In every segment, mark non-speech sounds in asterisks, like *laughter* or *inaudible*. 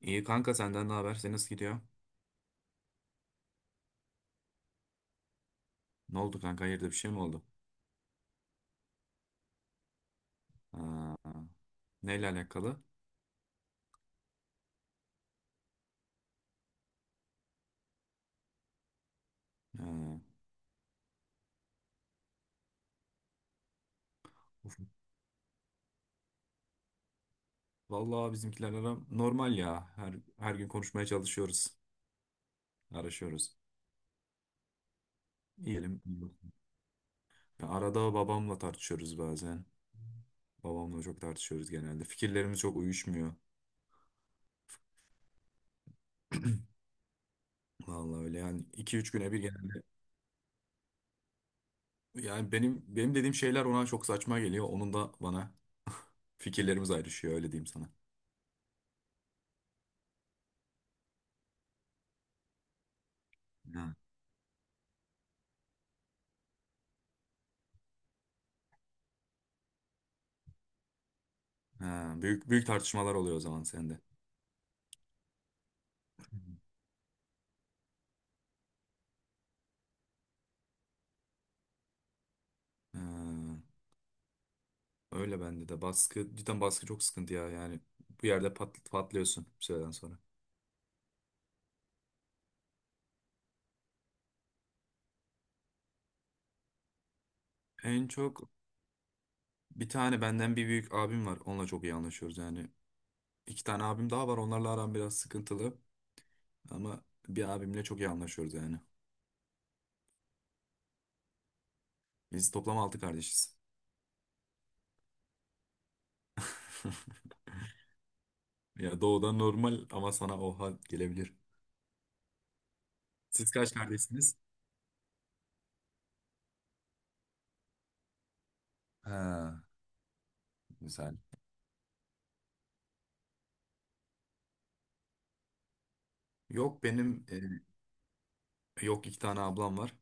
İyi kanka senden ne haber? Senin nasıl gidiyor? Ne oldu kanka? Hayırdır bir şey mi oldu? Ha, neyle alakalı? Ha, uf. Vallahi bizimkiler ara normal ya. Her gün konuşmaya çalışıyoruz. Araşıyoruz. İyiyelim. Ya arada babamla tartışıyoruz bazen. Babamla çok tartışıyoruz genelde. Fikirlerimiz çok uyuşmuyor. Vallahi öyle yani 2-3 güne bir genelde. Yani benim dediğim şeyler ona çok saçma geliyor. Onun da bana *laughs* fikirlerimiz ayrışıyor öyle diyeyim sana. Ha. Ha, büyük büyük tartışmalar oluyor o zaman sende. Ha, öyle bende de baskı cidden baskı çok sıkıntı ya yani bu yerde patlıyorsun bir süreden sonra. En çok bir tane benden bir büyük abim var onunla çok iyi anlaşıyoruz yani. İki tane abim daha var onlarla aram biraz sıkıntılı ama bir abimle çok iyi anlaşıyoruz yani. Biz toplam altı kardeşiz. *laughs* Ya doğudan normal ama sana oha gelebilir. Siz kaç kardeşsiniz? Ha, güzel. Yok benim yok iki tane ablam var.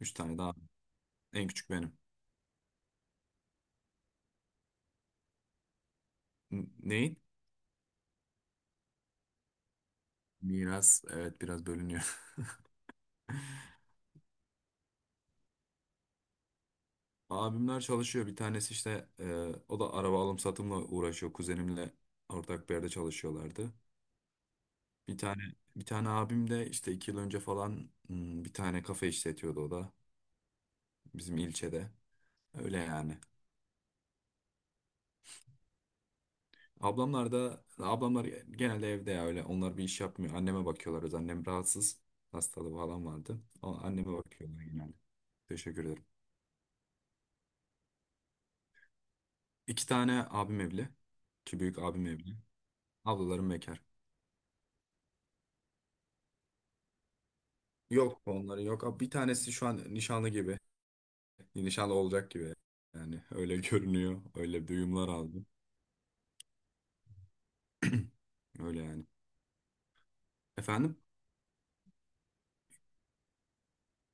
Üç tane daha. En küçük benim. Neyin? Miras evet biraz bölünüyor. *laughs* Abimler çalışıyor. Bir tanesi işte o da araba alım satımla uğraşıyor. Kuzenimle ortak bir yerde çalışıyorlardı. Bir tane bir tane abim de işte 2 yıl önce falan bir tane kafe işletiyordu o da bizim ilçede. Öyle yani. Ablamlar da ablamlar genelde evde ya öyle. Onlar bir iş yapmıyor. Anneme bakıyorlar. Öz annem rahatsız. Hastalığı falan vardı. Ama anneme bakıyorlar genelde. Teşekkür ederim. İki tane abim evli. İki büyük abim evli. Ablalarım bekar. Yok onları yok. Abi, bir tanesi şu an nişanlı gibi. Nişanlı olacak gibi. Yani öyle *laughs* görünüyor. Öyle duyumlar aldım. *clears throat* Öyle yani. Efendim?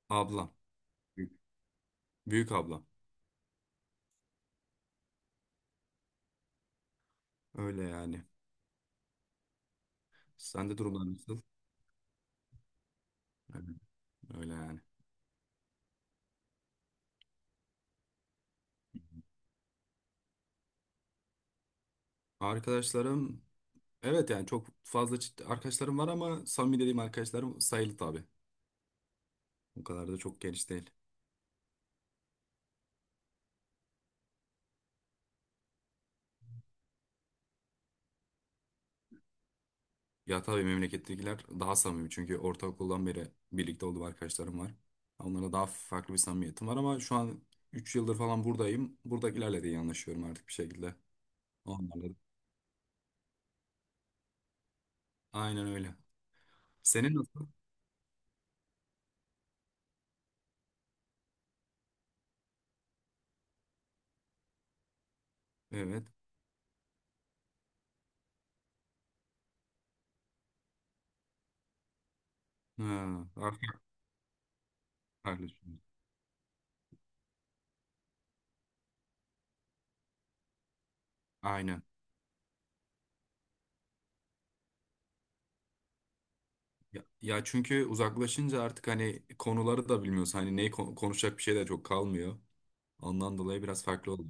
Ablam. Büyük, büyük ablam. Öyle yani. Sende durumlar nasıl? Öyle öyle yani. Arkadaşlarım evet yani çok fazla arkadaşlarım var ama samimi dediğim arkadaşlarım sayılı tabii. O kadar da çok geniş değil. Ya tabii memlekettekiler daha samimi çünkü ortaokuldan beri birlikte olduğum arkadaşlarım var. Onlara daha farklı bir samimiyetim var ama şu an 3 yıldır falan buradayım. Buradakilerle de iyi anlaşıyorum artık bir şekilde. Onlarla da. Aynen öyle. Senin nasıl? Evet. Ha, artık farklı düşünüyorsun. Aynen. Ya çünkü uzaklaşınca artık hani konuları da bilmiyorsun. Hani neyi konuşacak bir şey de çok kalmıyor. Ondan dolayı biraz farklı oldu.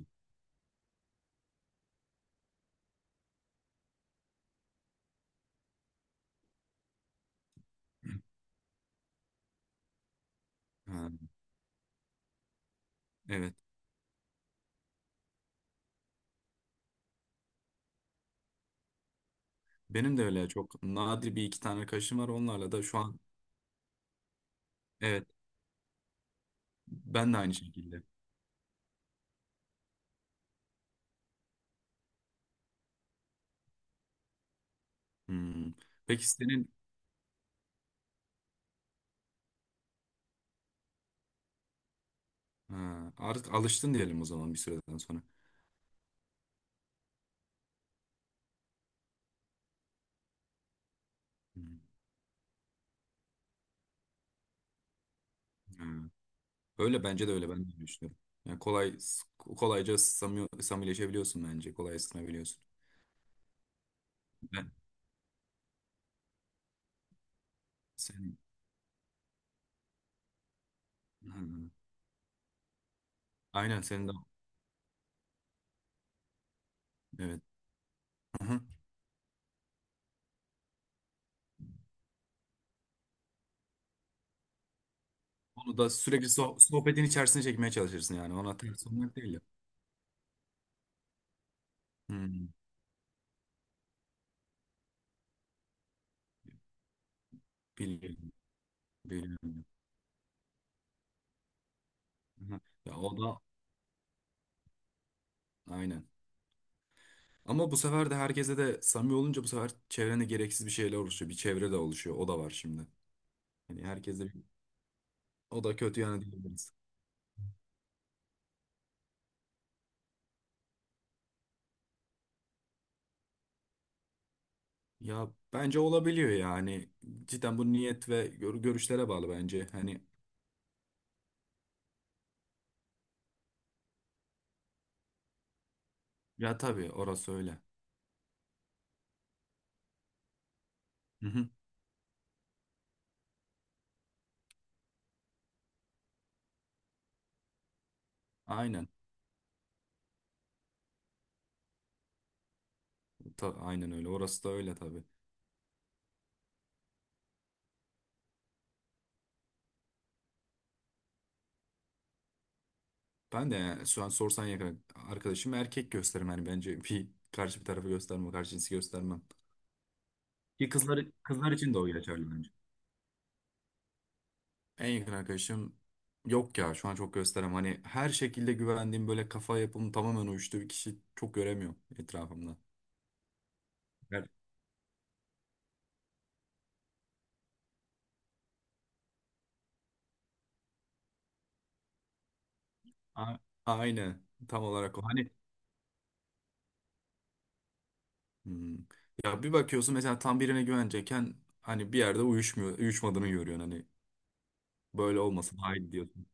Ha, evet. Benim de öyle çok nadir bir iki tane arkadaşım var. Onlarla da şu an. Evet, ben de aynı şekilde. Hmm. Peki senin, ha, artık alıştın diyelim o zaman bir süreden sonra. Hmm. Ha, öyle bence de öyle ben de düşünüyorum. Yani kolayca samileşebiliyorsun bence. Kolay ısınabiliyorsun. Ben, senin, ha, aynen senin de evet. Hı-hı. Onu da sürekli sohbetin içerisine çekmeye çalışırsın yani. Ona ters olmak değil ya. Hmm. Biliyorum. Biliyorum. Hı. Ya o da aynen. Ama bu sefer de herkese de samimi olunca bu sefer çevrene gereksiz bir şeyler oluşuyor. Bir çevre de oluşuyor. O da var şimdi. Hani herkese o da kötü yani diyebiliriz. Ya bence olabiliyor yani. Cidden bu niyet ve görüşlere bağlı bence. Hani, ya tabii orası öyle. Hı hı. Aynen. Aynen öyle. Orası da öyle tabii. Ben de yani şu an sorsan yakın arkadaşım erkek gösterim yani bence bir karşı bir tarafı göstermem, karşı cinsi göstermem. Ki kızlar için de o geçerli bence. En yakın arkadaşım yok ya şu an çok gösterem. Hani her şekilde güvendiğim böyle kafa yapım tamamen uyuştuğu bir kişi çok göremiyorum etrafımda. Evet. A- Aynen tam olarak o. Hani, hmm. Ya bir bakıyorsun mesela tam birine güvenecekken hani bir yerde uyuşmadığını görüyorsun hani böyle olmasın daha iyi diyorsun.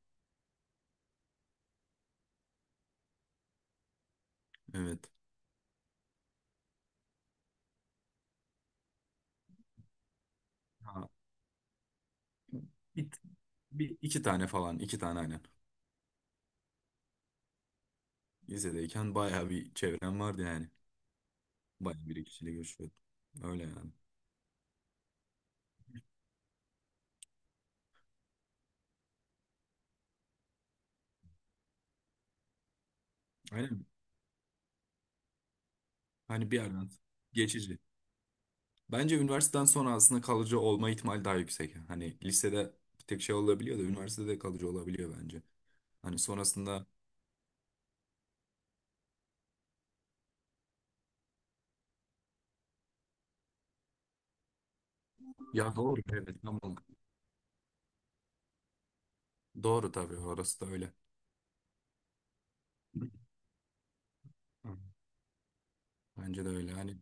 Evet. Ha, bir, bir iki tane falan iki tane aynen. Lisedeyken bayağı bir çevrem vardı yani. Bayağı bir kişiyle görüşüyordum. Öyle yani. Aynen. Hani bir yerden geçici. Bence üniversiteden sonra aslında kalıcı olma ihtimali daha yüksek. Hani lisede bir tek şey olabiliyor da üniversitede kalıcı olabiliyor bence. Hani sonrasında. Ya, doğru, evet, tamam. Doğru tabii orası da öyle. Hı. Bence de öyle. Hani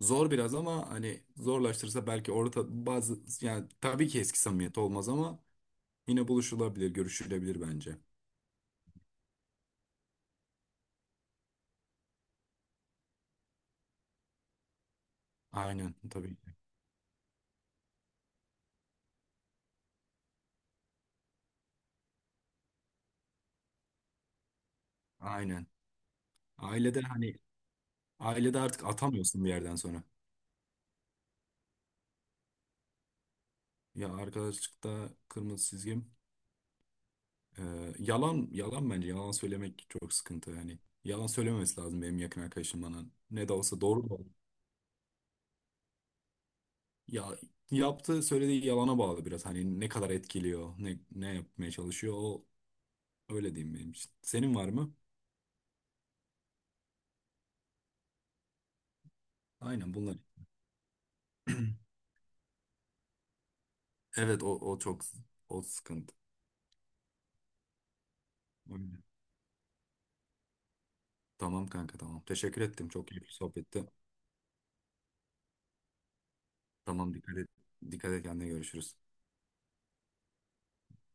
zor biraz ama hani zorlaştırırsa belki orta bazı yani tabii ki eski samimiyet olmaz ama yine buluşulabilir, görüşülebilir bence. Aynen tabii. Aynen. Ailede hani ailede artık atamıyorsun bir yerden sonra. Ya arkadaşlıkta kırmızı çizgim, yalan, yalan bence yalan söylemek çok sıkıntı yani. Yalan söylememesi lazım benim yakın arkadaşım bana. Ne de olsa doğru da. Ya yaptığı söylediği yalana bağlı biraz hani ne kadar etkiliyor, ne yapmaya çalışıyor o öyle diyeyim benim için. Senin var mı? Aynen bunlar. *clears throat* Evet o çok o sıkıntı. Öyle. Tamam kanka tamam. Teşekkür ettim. Çok keyifli sohbetti. Tamam dikkat et. Dikkat et kendine görüşürüz.